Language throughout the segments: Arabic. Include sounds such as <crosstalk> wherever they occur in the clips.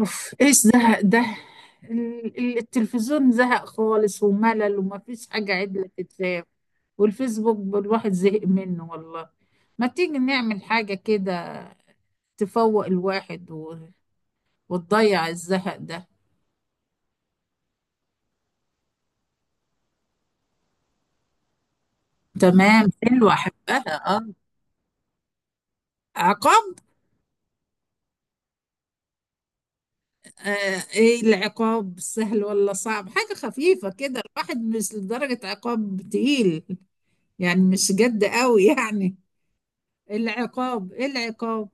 اوف، ايش زهق ده. التلفزيون زهق خالص وملل وما فيش حاجة عدلة تتلعب، والفيسبوك الواحد زهق منه والله. ما تيجي نعمل حاجة كده؟ تفوق الواحد وتضيع الزهق ده. تمام، حلوة أحبها، اه. عقاب؟ آه، ايه العقاب؟ سهل ولا صعب؟ حاجة خفيفة كده الواحد، مش لدرجة عقاب تقيل، يعني مش جد قوي يعني. العقاب، ايه العقاب؟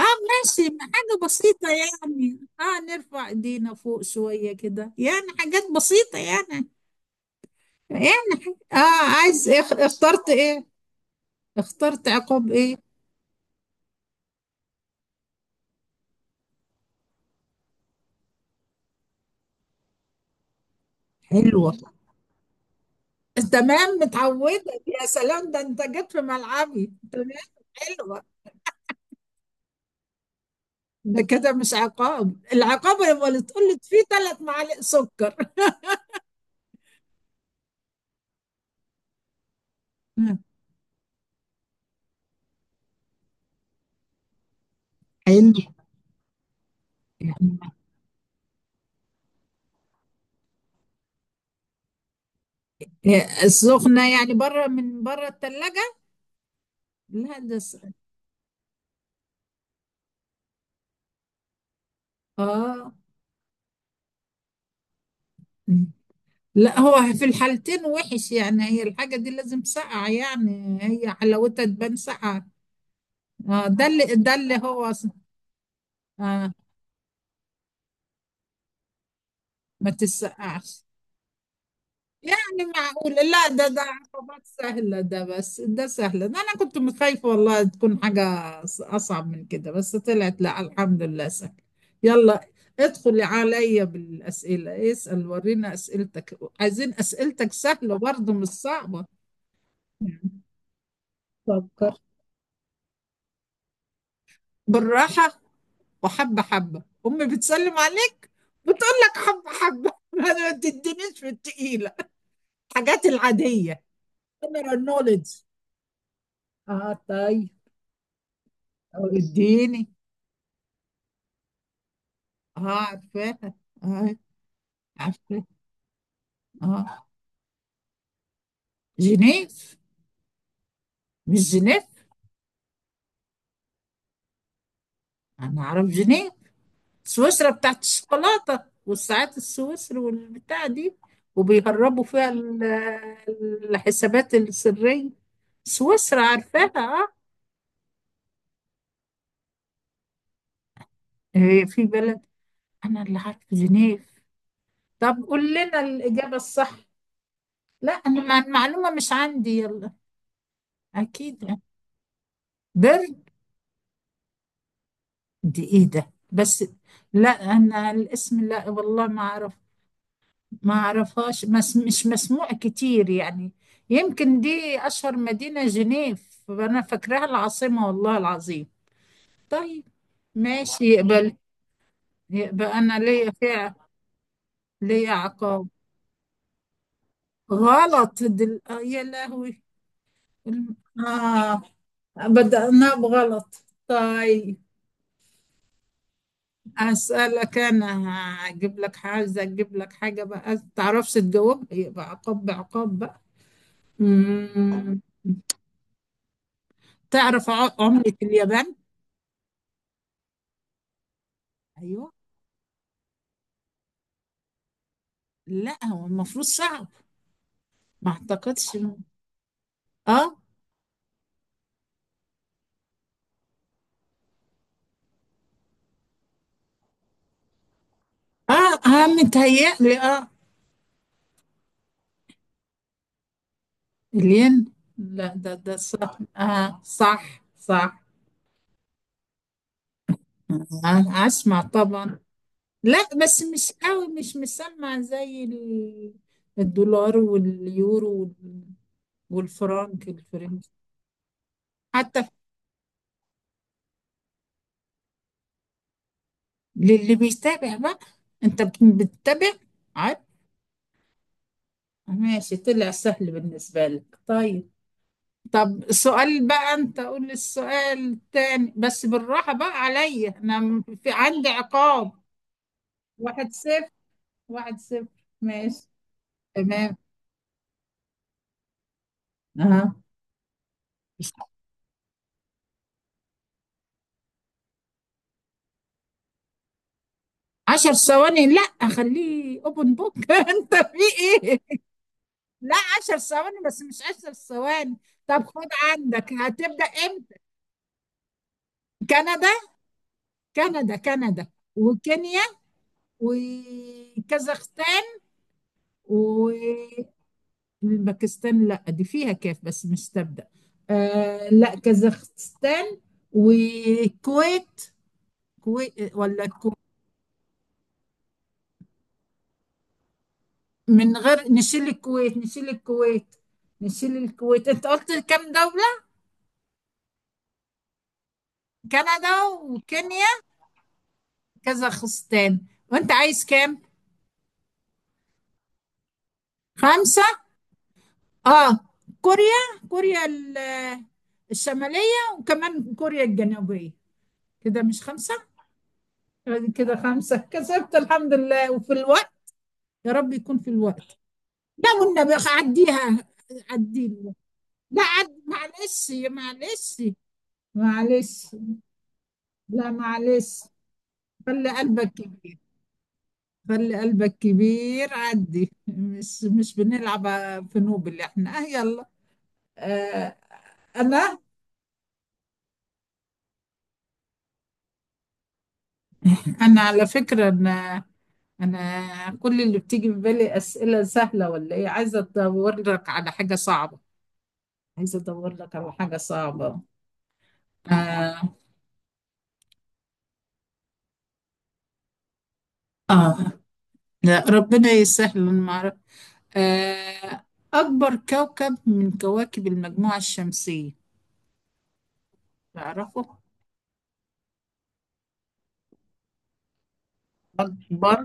اه ماشي، حاجة بسيطة يعني، اه نرفع ايدينا فوق شوية كده، يعني حاجات بسيطة يعني. يعني. اه. عايز ايه؟ اخترت ايه؟ اخترت عقاب ايه؟ حلوة. تمام متعودة، يا سلام، ده انت جيت في ملعبي. تمام. حلوة. ده كده مش عقاب، العقاب يبقى اللي تقول لي فيه 3 معالق سكر. <laughs> حلو. يعني إيه، السخنة يعني بره، من بره الثلاجة. لا ده اه لا، هو في الحالتين وحش يعني، هي الحاجة دي لازم ساقعة، يعني هي حلاوتها تبان ساقعة. آه، ده اللي هو آه. ما تتسقعش. يعني معقول؟ لا، ده عقبات سهلة، ده بس ده سهلة ده. أنا كنت متخايفة والله تكون حاجة أصعب من كده، بس طلعت، لا الحمد لله سهل. يلا ادخلي عليا بالأسئلة، اسأل ورينا أسئلتك، عايزين أسئلتك سهلة برضه مش صعبة يعني. فكر بالراحة. وحبة حبة أمي بتسلم عليك، بتقول لك حبة حبة <laughs> ما تدينيش في التقيلة، الحاجات العادية. General knowledge، اه طيب. أو اديني. اه عارفاها، اه عارفاها، اه. جنيف. مش جنيف؟ انا اعرف جنيف، سويسرا بتاعت الشوكولاتة والساعات السويسري والبتاع دي، وبيهربوا فيها الحسابات السرية. سويسرا عارفاها. اه. إيه في بلد؟ انا اللي عارف جنيف. طب قول لنا الاجابه الصح، لا انا المعلومه مش عندي، يلا. اكيد. برد؟ دي ايه ده بس؟ لا انا الاسم، لا والله ما اعرف، ما اعرفهاش، مش مسموع كتير يعني. يمكن دي اشهر مدينه، جنيف انا فاكراها العاصمه والله العظيم. طيب ماشي يقبل، يبقى انا ليا فيها، ليا عقاب. غلط، دل... آه، يا لهوي. الم- آه بدأناه بغلط. طيب أسألك أنا، هجيب لك حاجة أجيب لك حاجة بقى، تعرفش تجاوبها يبقى عقاب بعقاب بقى. مم. تعرف عملة اليابان؟ أيوه. لا هو المفروض صعب، ما أعتقدش إنه- أه أه أه متهيألي، أه. الين؟ لا، ده صح، صح صح. أه، أسمع طبعا. لا بس مش قوي، مش مسمع زي الدولار واليورو والفرنك الفرنسي حتى، للي بيتابع بقى. انت بتتابع عاد. ماشي طلع سهل بالنسبة لك، طيب. طب سؤال بقى، انت قول لي السؤال التاني بس بالراحة بقى عليا، انا في عندي عقاب. 1-0. 1-0 ماشي. تمام. اه. 10 ثواني؟ لا خليه اوبن بوك <laughs> انت في ايه؟ لا 10 ثواني بس، مش 10 ثواني. طب خد عندك، هتبدأ امتى؟ كندا. كندا، كندا وكينيا وكازاخستان والباكستان. لا دي فيها كاف بس مش تبدأ. آه لا، كازاخستان والكويت. كويت ولا الكويت؟ من غير، نشيل الكويت، نشيل الكويت، نشيل الكويت. انت قلت كام دولة؟ كندا وكينيا، كازاخستان. وانت عايز كام؟ خمسة. اه. كوريا، الشمالية، وكمان كوريا الجنوبية. كده مش خمسة؟ كده خمسة، كسبت الحمد لله وفي الوقت، يا رب يكون في الوقت. لا والنبي عديها، عدي الوقت. لا عد معلش، معلش، معلش. لا معلش، خلي قلبك كبير. خلي قلبك كبير، عدي، مش بنلعب في نوب، اللي احنا اه يلا. آه. انا، انا على فكرة، انا كل اللي بتيجي في بالي اسئلة سهلة ولا ايه، عايزة ادور لك على حاجة صعبة، عايزة ادور لك على حاجة صعبة. آه, اه لا ربنا يسهل، أنا ما اعرف. آه. اكبر كوكب من كواكب المجموعة الشمسية، تعرفه؟ اكبر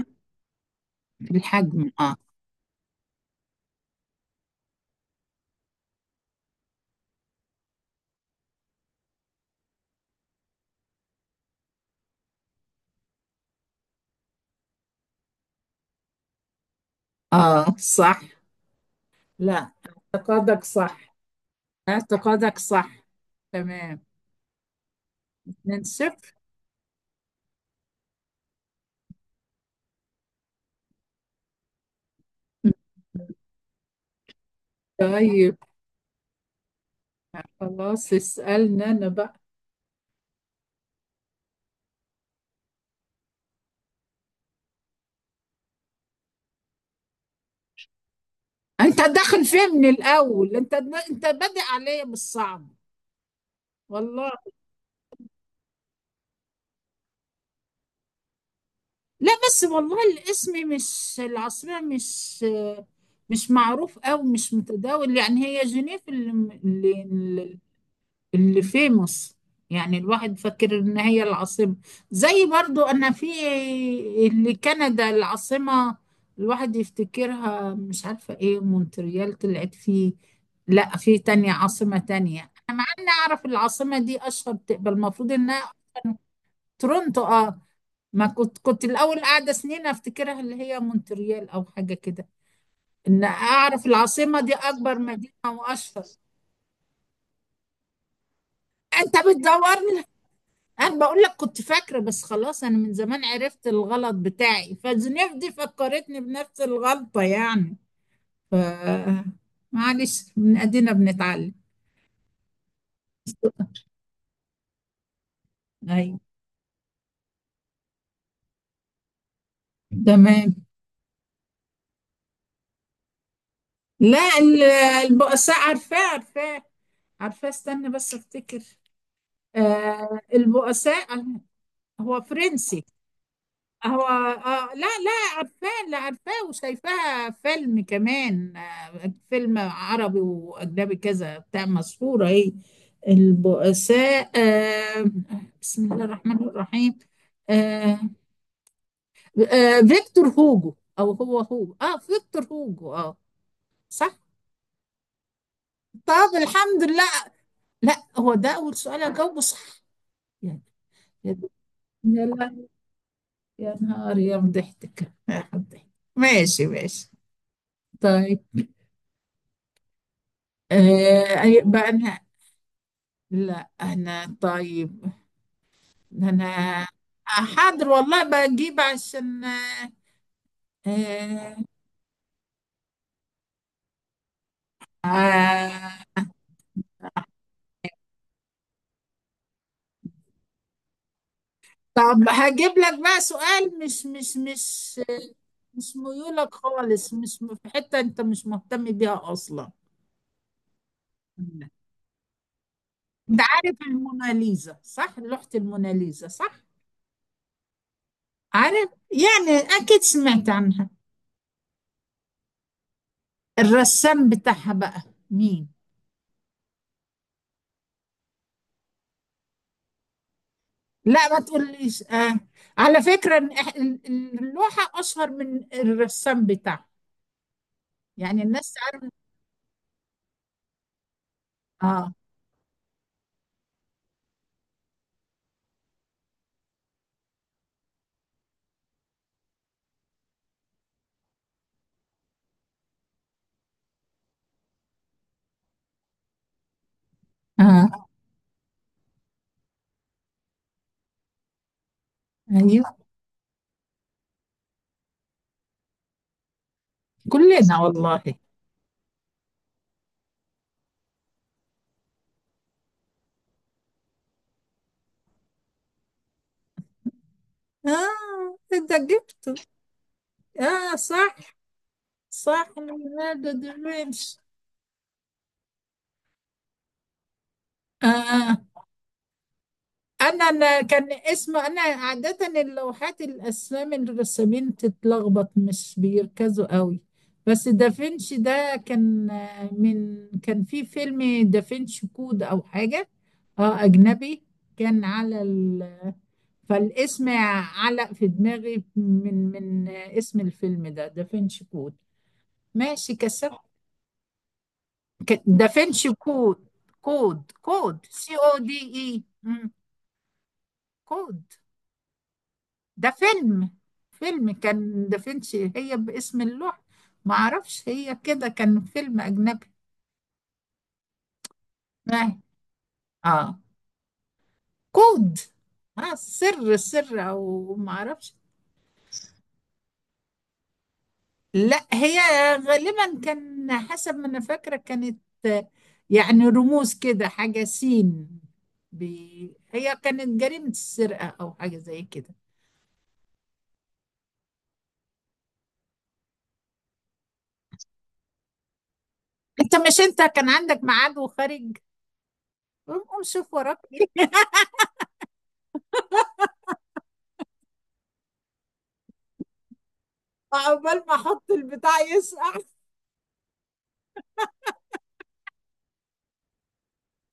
الحجم، اه. اه صح. لا، اعتقادك صح، اعتقادك صح. تمام. من صفر. طيب خلاص، اسألنا انا بقى. انت داخل فيها من الاول، انت بادئ عليا بالصعب والله. لا بس والله الاسم مش، العاصمة مش، مش معروف او مش متداول يعني، هي جنيف اللي اللي في مصر، يعني الواحد فاكر ان هي العاصمة. زي برضو انا في اللي كندا، العاصمة، الواحد يفتكرها، مش عارفة ايه، مونتريال طلعت فيه. لا في تانية، عاصمة تانية، انا مع اني اعرف العاصمة دي اشهر، تقبل المفروض انها أشهر. تورونتو، اه. ما كنت الاول قاعدة سنين افتكرها اللي هي مونتريال او حاجة كده، ان اعرف العاصمة دي اكبر مدينة واشهر. انت بتدور، انا بقول لك كنت فاكره بس خلاص، انا من زمان عرفت الغلط بتاعي، فزنيف دي فكرتني بنفس الغلطه يعني. ف معلش، من ادينا بنتعلم. ايوه تمام. لا ال- البؤساء عارفاه عارفاه، عارفاه استنى بس افتكر. آه البؤساء. هو فرنسي؟ هو لا، لا عارفاه، لا عارفاه، وشايفاها فيلم كمان، آه فيلم عربي واجنبي كذا بتاع، مشهوره اهي البؤساء، آه. بسم الله الرحمن الرحيم. آه. آه فيكتور هوجو او هو اه فيكتور هوجو، اه صح. طب الحمد لله. لا هو ده اول سؤال اجاوبه صح يعني. يا يا- يا نهار، يا مضحتك، يا مضحتك، ماشي ماشي. طيب. أي بقى أنا، لا أنا طيب، أنا حاضر والله بجيب عشان، آه، آه، طب هجيب لك بقى سؤال مش مش ميولك خالص، مش في حتة أنت مش مهتم بيها أصلا. أنت عارف الموناليزا صح؟ لوحة الموناليزا صح؟ عارف؟ يعني أكيد سمعت عنها. الرسام بتاعها بقى، مين؟ لا ما تقوليش. على فكرة إن اللوحة أشهر من الرسام بتاعها، يعني الناس تعرف. آه. آه أيوه. كلنا والله. آه. أنت جبته، آه صح. صح ليوناردو دافنشي. آه. انا كان اسم، انا عاده اللوحات الاسامي الرسامين تتلخبط، مش بيركزوا قوي. بس دافنشي ده كان من كان في فيلم دافنشي كود او حاجه، اه اجنبي، كان على ال، فالاسم علق في دماغي من اسم الفيلم ده دافنشي كود. ماشي كسبت. دافنشي كود. كود CODE، كود. ده فيلم، فيلم كان دافنشي هي باسم اللوح، ما اعرفش هي كده، كان فيلم اجنبي. اه. آه. كود. اه سر او ما اعرفش. لا هي غالبا كان حسب ما انا فاكره، كانت آه، يعني رموز كده، حاجه سين هي كانت جريمه السرقه او حاجه زي كده. انت مش، انت كان عندك ميعاد وخارج، قوم قوم شوف وراك ايه. <laughs> عقبال ما احط البتاع يسقع،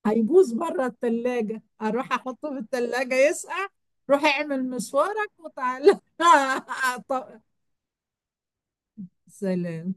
هيبوظ بره التلاجة، اروح احطه في التلاجة يسقع. روح اعمل مشوارك وتعالى. <laughs> طب، سلام.